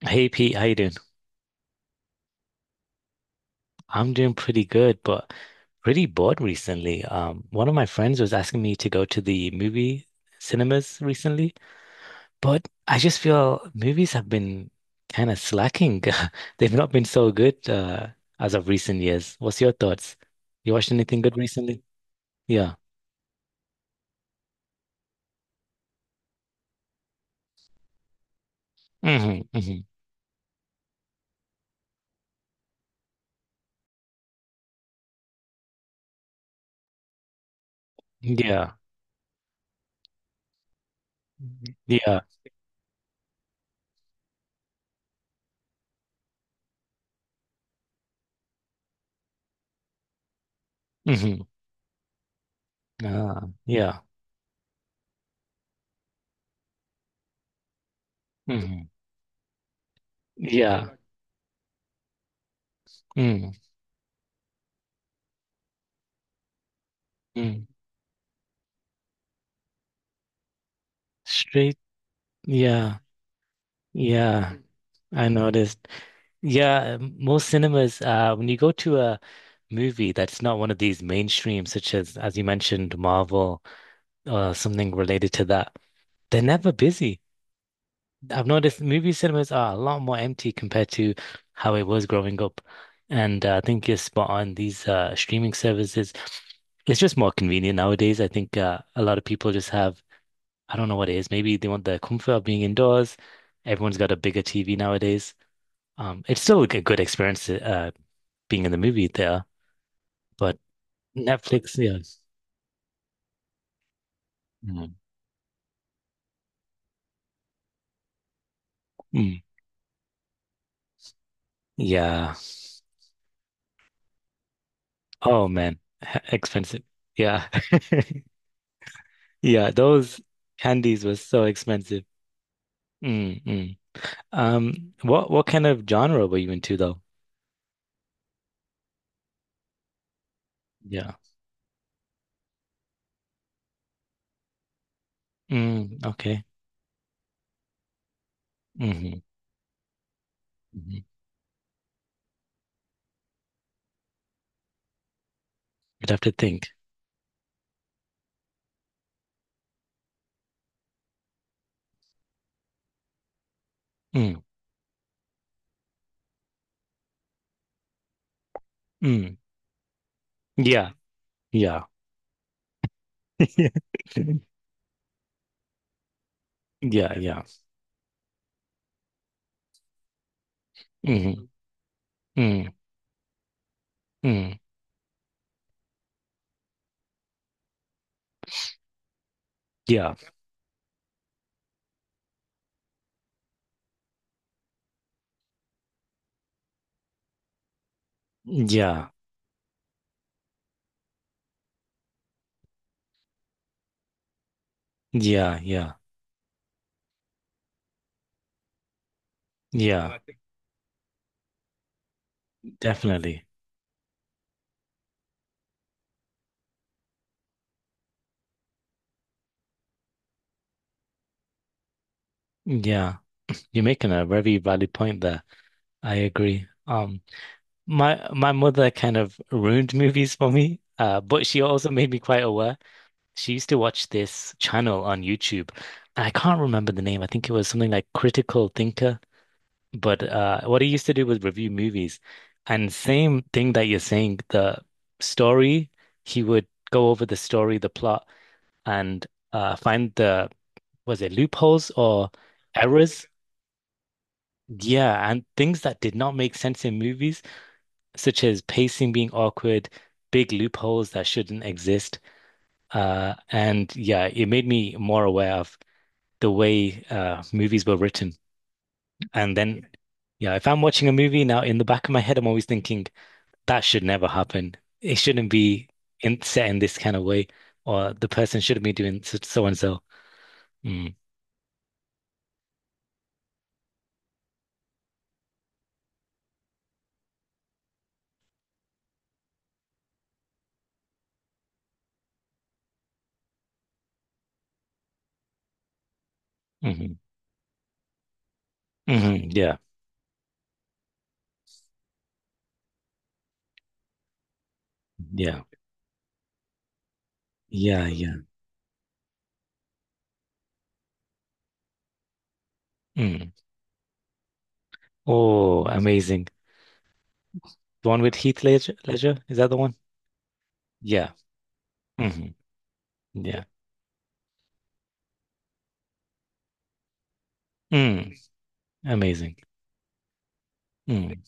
Hey Pete, how you doing? I'm doing pretty good, but pretty bored recently. One of my friends was asking me to go to the movie cinemas recently, but I just feel movies have been kind of slacking. They've not been so good as of recent years. What's your thoughts? You watched anything good recently? Yeah. Hmm, hmm. Yeah. Mhm. Yeah. Hmm. Ah, yeah. Hmm. Yeah. Mm. Mm. Straight. Yeah. Yeah. I noticed. Yeah, most cinemas, when you go to a movie that's not one of these mainstream, such as you mentioned, Marvel or something related to that, they're never busy. I've noticed movie cinemas are a lot more empty compared to how it was growing up. And I think you're spot on. These streaming services, it's just more convenient nowadays. I think a lot of people just have, I don't know what it is. Maybe they want the comfort of being indoors. Everyone's got a bigger TV nowadays. It's still a good experience, to being in the movie there. But Netflix, yeah. Mm. Mm. Yeah. Oh man, H- expensive. Yeah. Yeah, those candies were so expensive. Mm, mm. What kind of genre were you into though? Yeah. Mm, okay. Hmm. Hmm. You'd have to think. Mm, mm. Yeah. Yeah. Yeah, yeah. Mm, mm, mm. Yeah. Yeah. Yeah, yeah. Yeah. Definitely. Yeah. You're making a very valid point there. I agree. My mother kind of ruined movies for me, but she also made me quite aware. She used to watch this channel on YouTube. I can't remember the name. I think it was something like Critical Thinker. But what he used to do was review movies, and same thing that you're saying. The story, he would go over the story, the plot, and find the, was it loopholes or errors? Yeah, and things that did not make sense in movies, such as pacing being awkward, big loopholes that shouldn't exist. And yeah, it made me more aware of the way movies were written. And then, yeah, if I'm watching a movie now, in the back of my head, I'm always thinking that should never happen. It shouldn't be in, set in this kind of way, or the person shouldn't be doing so, so and so. Mm. Hmm. Hmm. Yeah, yeah, yeah, yeah. Mm. Oh, amazing. The one with Heath Ledger, Ledger? Is that the one? Yeah. Hmm. Yeah. Mm. Amazing. Mm.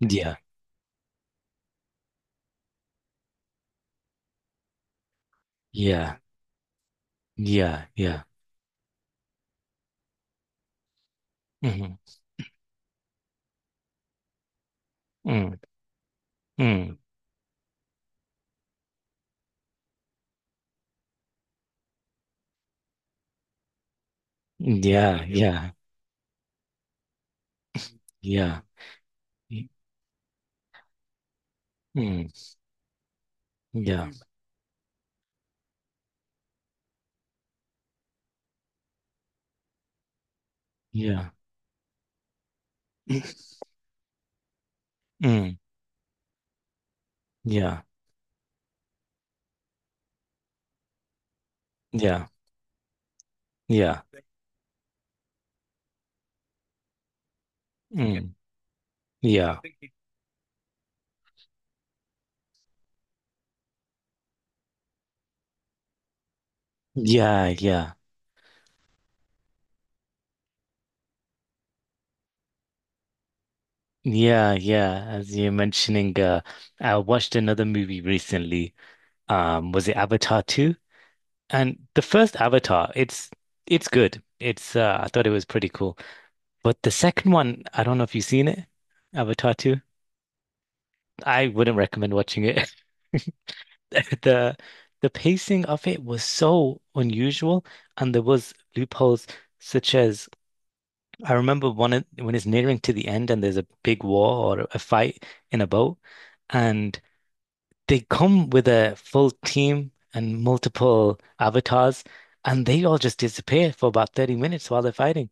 Yeah. Yeah. Yeah. Yeah. Hmm. Mm. Mm. Yeah. Yeah. Yeah. Y- Mm. Yeah. Yeah. Mm. Yeah. Yeah. Yeah. Mm. Yeah. Yeah, yeah. Yeah, yeah. As you're mentioning, I watched another movie recently. Was it Avatar 2? And the first Avatar, it's good. It's I thought it was pretty cool. But the second one, I don't know if you've seen it, Avatar 2. I wouldn't recommend watching it. The the pacing of it was so unusual, and there was loopholes such as I remember one of- when it's nearing to the end and there's a big war or a fight in a boat, and they come with a full team and multiple avatars, and they all just disappear for about 30 minutes while they're fighting.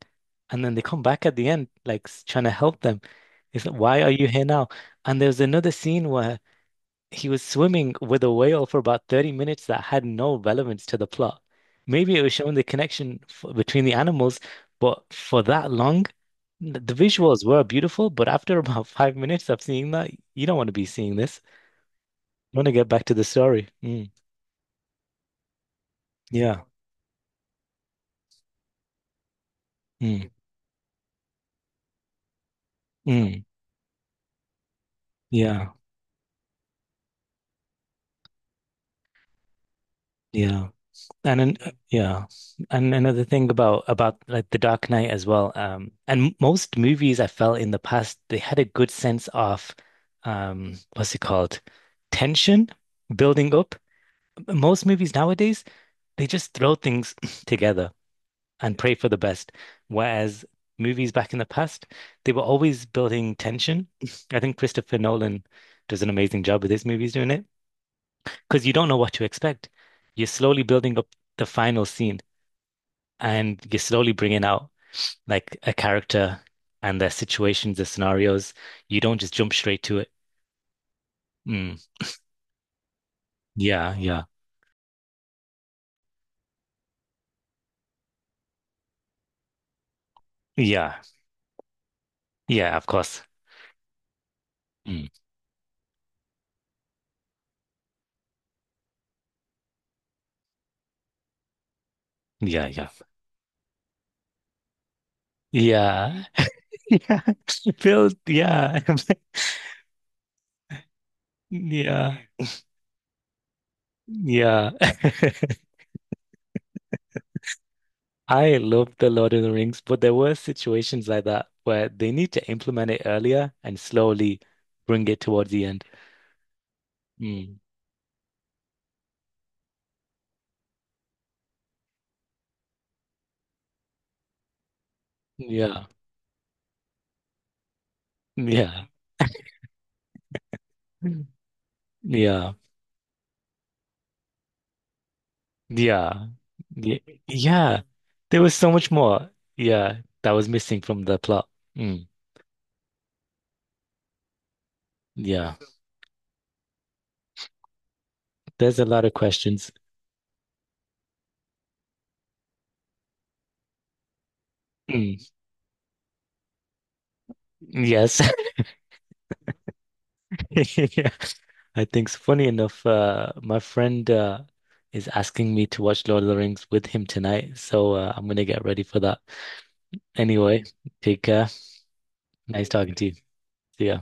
And then they come back at the end, like s- trying to help them. It's like, why are you here now? And there's another scene where he was swimming with a whale for about 30 minutes that had no relevance to the plot. Maybe it was showing the connection f between the animals, but for that long, th- the visuals were beautiful. But after about 5 minutes of seeing that, you don't want to be seeing this, want to get back to the story. Mm, yeah. Mm, mm, yeah. Yeah. And then, yeah. And another thing about like The Dark Knight as well. And most movies I felt in the past, they had a good sense of what's it called? Tension building up. Most movies nowadays, they just throw things together and pray for the best. Whereas movies back in the past, they were always building tension. I think Christopher Nolan does an amazing job with his movies doing it, because you don't know what to expect. You're slowly building up the final scene and you're slowly bringing out like a character and their situations, their scenarios. You don't just jump straight to it. Mm. Yeah, yeah, yeah, yeah, of course. Mm. Yeah, yeah, yeah, yeah. Build, yeah, yeah, yeah. I love the Lord of the Rings, but there were situations like that where they need to implement it earlier and slowly bring it towards the end. Mm. Yeah, yeah, yeah, yeah, yeah, yeah. There was so much more. Yeah, that was missing from the plot. Mm, yeah, there's a lot of questions. Mm, yes. Yeah. I think, so. Funny enough, my friend is asking me to watch Lord of the Rings with him tonight, so I'm gonna get ready for that. Anyway, take care. Nice talking to you. See ya.